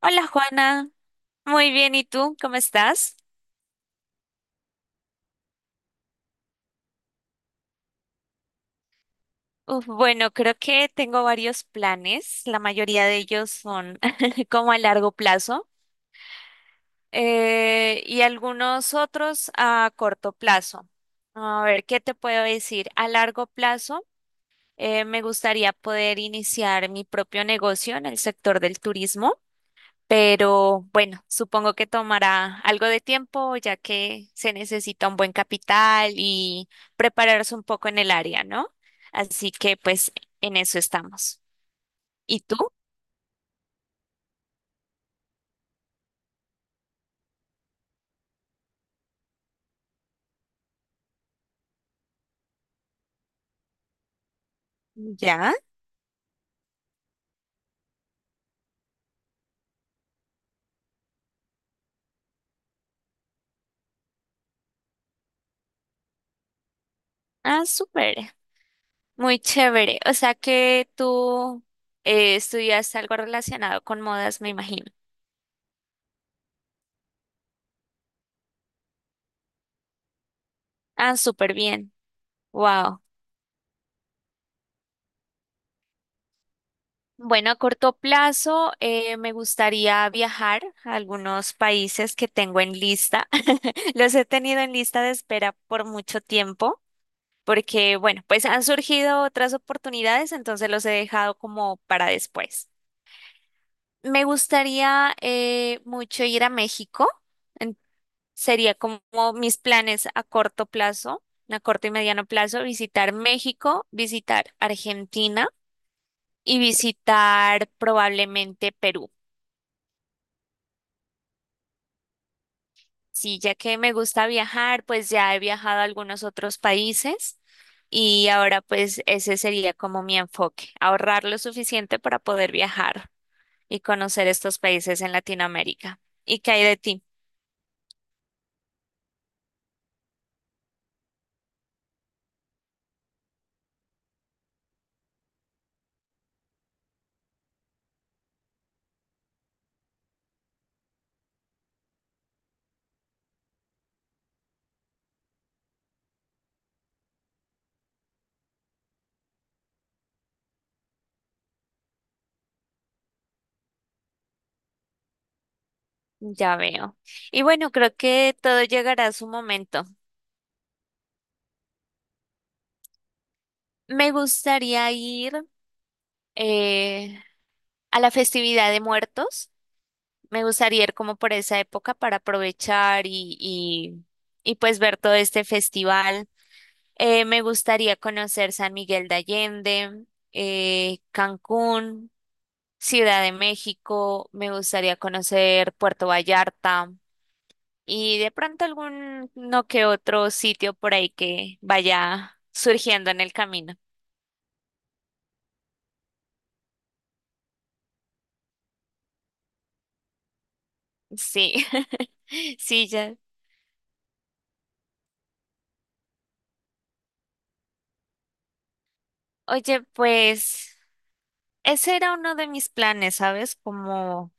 Hola Juana, muy bien, ¿y tú? ¿Cómo estás? Uf, bueno, creo que tengo varios planes, la mayoría de ellos son como a largo plazo y algunos otros a corto plazo. A ver, ¿qué te puedo decir? A largo plazo me gustaría poder iniciar mi propio negocio en el sector del turismo. Pero bueno, supongo que tomará algo de tiempo, ya que se necesita un buen capital y prepararse un poco en el área, ¿no? Así que pues en eso estamos. ¿Y tú? ¿Ya? Ah, súper. Muy chévere. O sea que tú estudias algo relacionado con modas, me imagino. Ah, súper bien. Wow. Bueno, a corto plazo me gustaría viajar a algunos países que tengo en lista. Los he tenido en lista de espera por mucho tiempo, porque bueno, pues han surgido otras oportunidades, entonces los he dejado como para después. Me gustaría mucho ir a México. en- Sería como mis planes a corto plazo, a corto y mediano plazo, visitar México, visitar Argentina y visitar probablemente Perú. Sí, ya que me gusta viajar, pues ya he viajado a algunos otros países y ahora pues ese sería como mi enfoque, ahorrar lo suficiente para poder viajar y conocer estos países en Latinoamérica. ¿Y qué hay de ti? Ya veo. Y bueno, creo que todo llegará a su momento. Me gustaría ir eh, a la festividad de muertos. Me gustaría ir como por esa época para aprovechar y pues ver todo este festival. Me gustaría conocer San Miguel de Allende, Cancún, Ciudad de México, me gustaría conocer Puerto Vallarta y de pronto algún no que otro sitio por ahí que vaya surgiendo en el camino. Sí, sí, ya. Oye, pues ese era uno de mis planes, ¿sabes? Como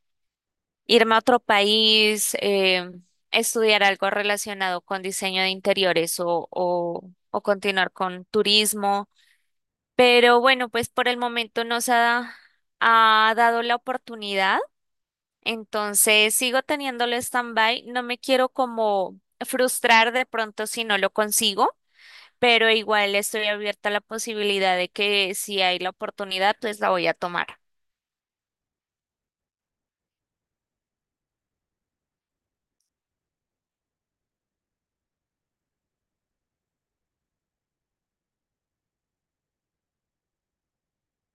irme a otro país, estudiar algo relacionado con diseño de interiores o continuar con turismo. Pero bueno, pues por el momento ha dado la oportunidad, entonces sigo teniéndolo stand-by, no me quiero como frustrar de pronto si no lo consigo. Pero igual estoy abierta a la posibilidad de que si hay la oportunidad, pues la voy a tomar.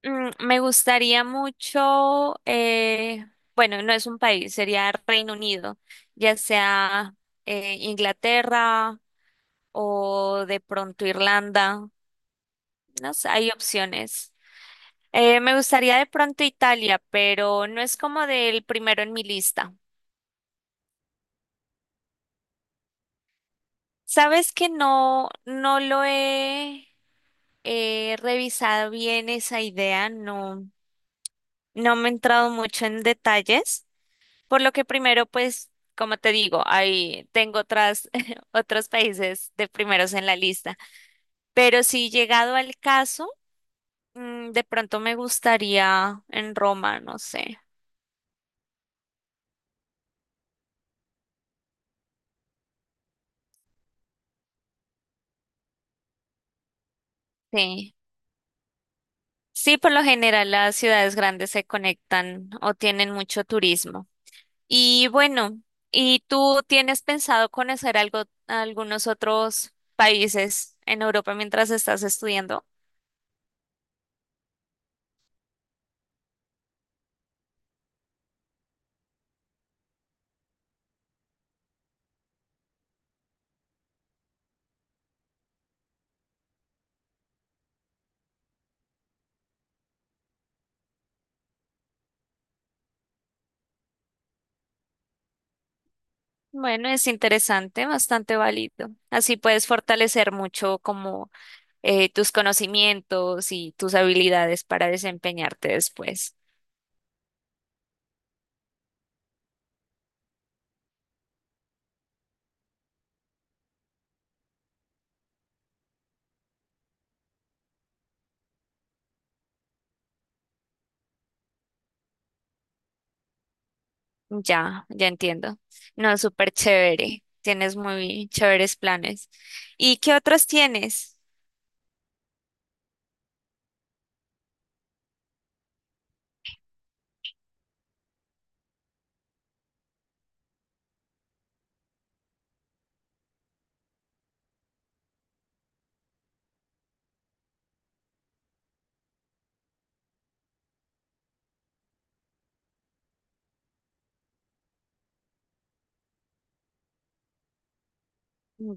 Mm, me gustaría mucho, bueno, no es un país, sería Reino Unido, ya sea Inglaterra o de pronto Irlanda, no sé, hay opciones. Me gustaría de pronto Italia, pero no es como del primero en mi lista. Sabes que no lo he revisado bien esa idea, no, no me he entrado mucho en detalles. Por lo que primero, pues, como te digo, ahí tengo otras, otros países de primeros en la lista. Pero si llegado al caso, mm, de pronto me gustaría en Roma, no sé. Sí. Sí, por lo general las ciudades grandes se conectan o tienen mucho turismo. Y bueno, ¿y tú tienes pensado conocer algo, algunos otros países en Europa mientras estás estudiando? Bueno, es interesante, bastante válido. Así puedes fortalecer mucho como tus conocimientos y tus habilidades para desempeñarte después. Ya entiendo. No, súper chévere. Tienes muy chéveres planes. ¿Y qué otros tienes?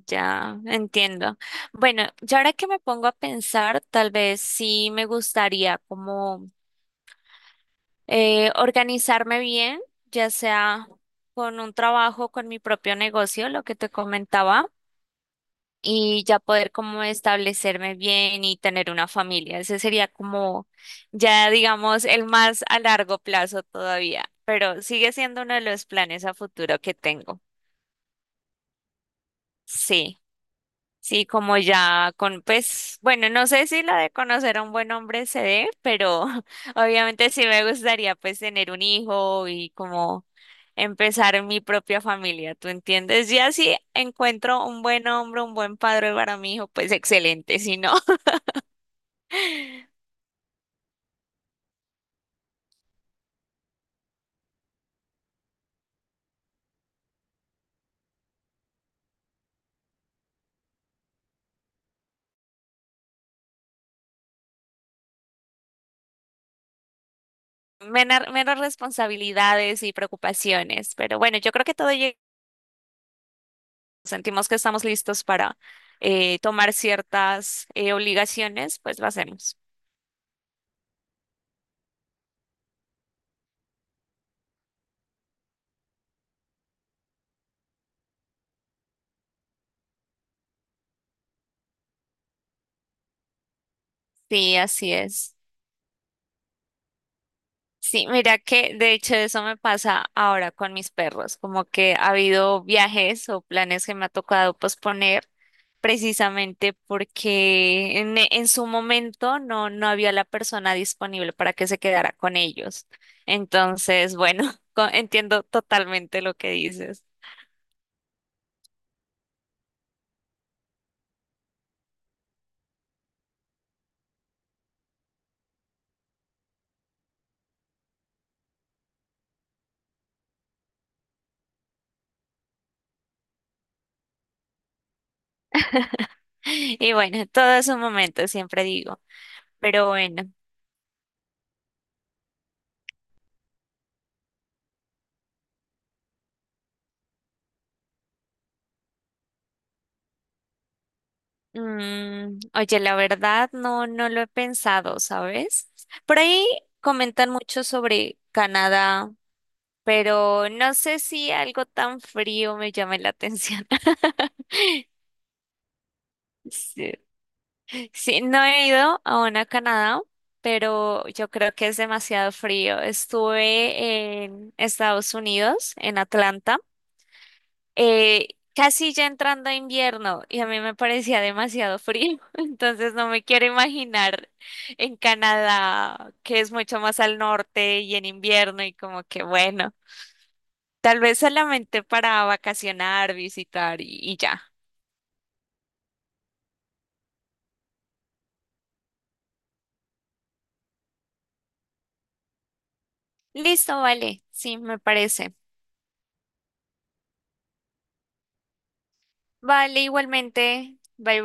Ya, entiendo. Bueno, ya ahora que me pongo a pensar, tal vez sí me gustaría como organizarme bien, ya sea con un trabajo, con mi propio negocio, lo que te comentaba, y ya poder como establecerme bien y tener una familia. Ese sería como ya, digamos, el más a largo plazo todavía, pero sigue siendo uno de los planes a futuro que tengo. Sí. Sí, como ya con, pues, bueno, no sé si la de conocer a un buen hombre se dé, pero obviamente sí me gustaría pues tener un hijo y como empezar mi propia familia, ¿tú entiendes? Ya si encuentro un buen hombre, un buen padre para mi hijo, pues excelente, si no, menos responsabilidades y preocupaciones. Pero bueno, yo creo que todo llega, sentimos que estamos listos para tomar ciertas obligaciones, pues lo hacemos. Sí, así es. Sí, mira que de hecho eso me pasa ahora con mis perros, como que ha habido viajes o planes que me ha tocado posponer, precisamente porque en su momento no, no había la persona disponible para que se quedara con ellos. Entonces, bueno, entiendo totalmente lo que dices. Y bueno, todo es un momento, siempre digo. Pero bueno, mm, oye, la verdad no, no lo he pensado, ¿sabes? Por ahí comentan mucho sobre Canadá, pero no sé si algo tan frío me llame la atención. Sí, sí, no he ido aún a Canadá, pero yo creo que es demasiado frío. Estuve en Estados Unidos, en Atlanta. eh, Casi ya entrando a invierno y a mí me parecía demasiado frío, entonces no me quiero imaginar en Canadá, que es mucho más al norte y en invierno y como que bueno, tal vez solamente para vacacionar, visitar y ya. Listo, vale, sí, me parece. Vale, igualmente, bye bye.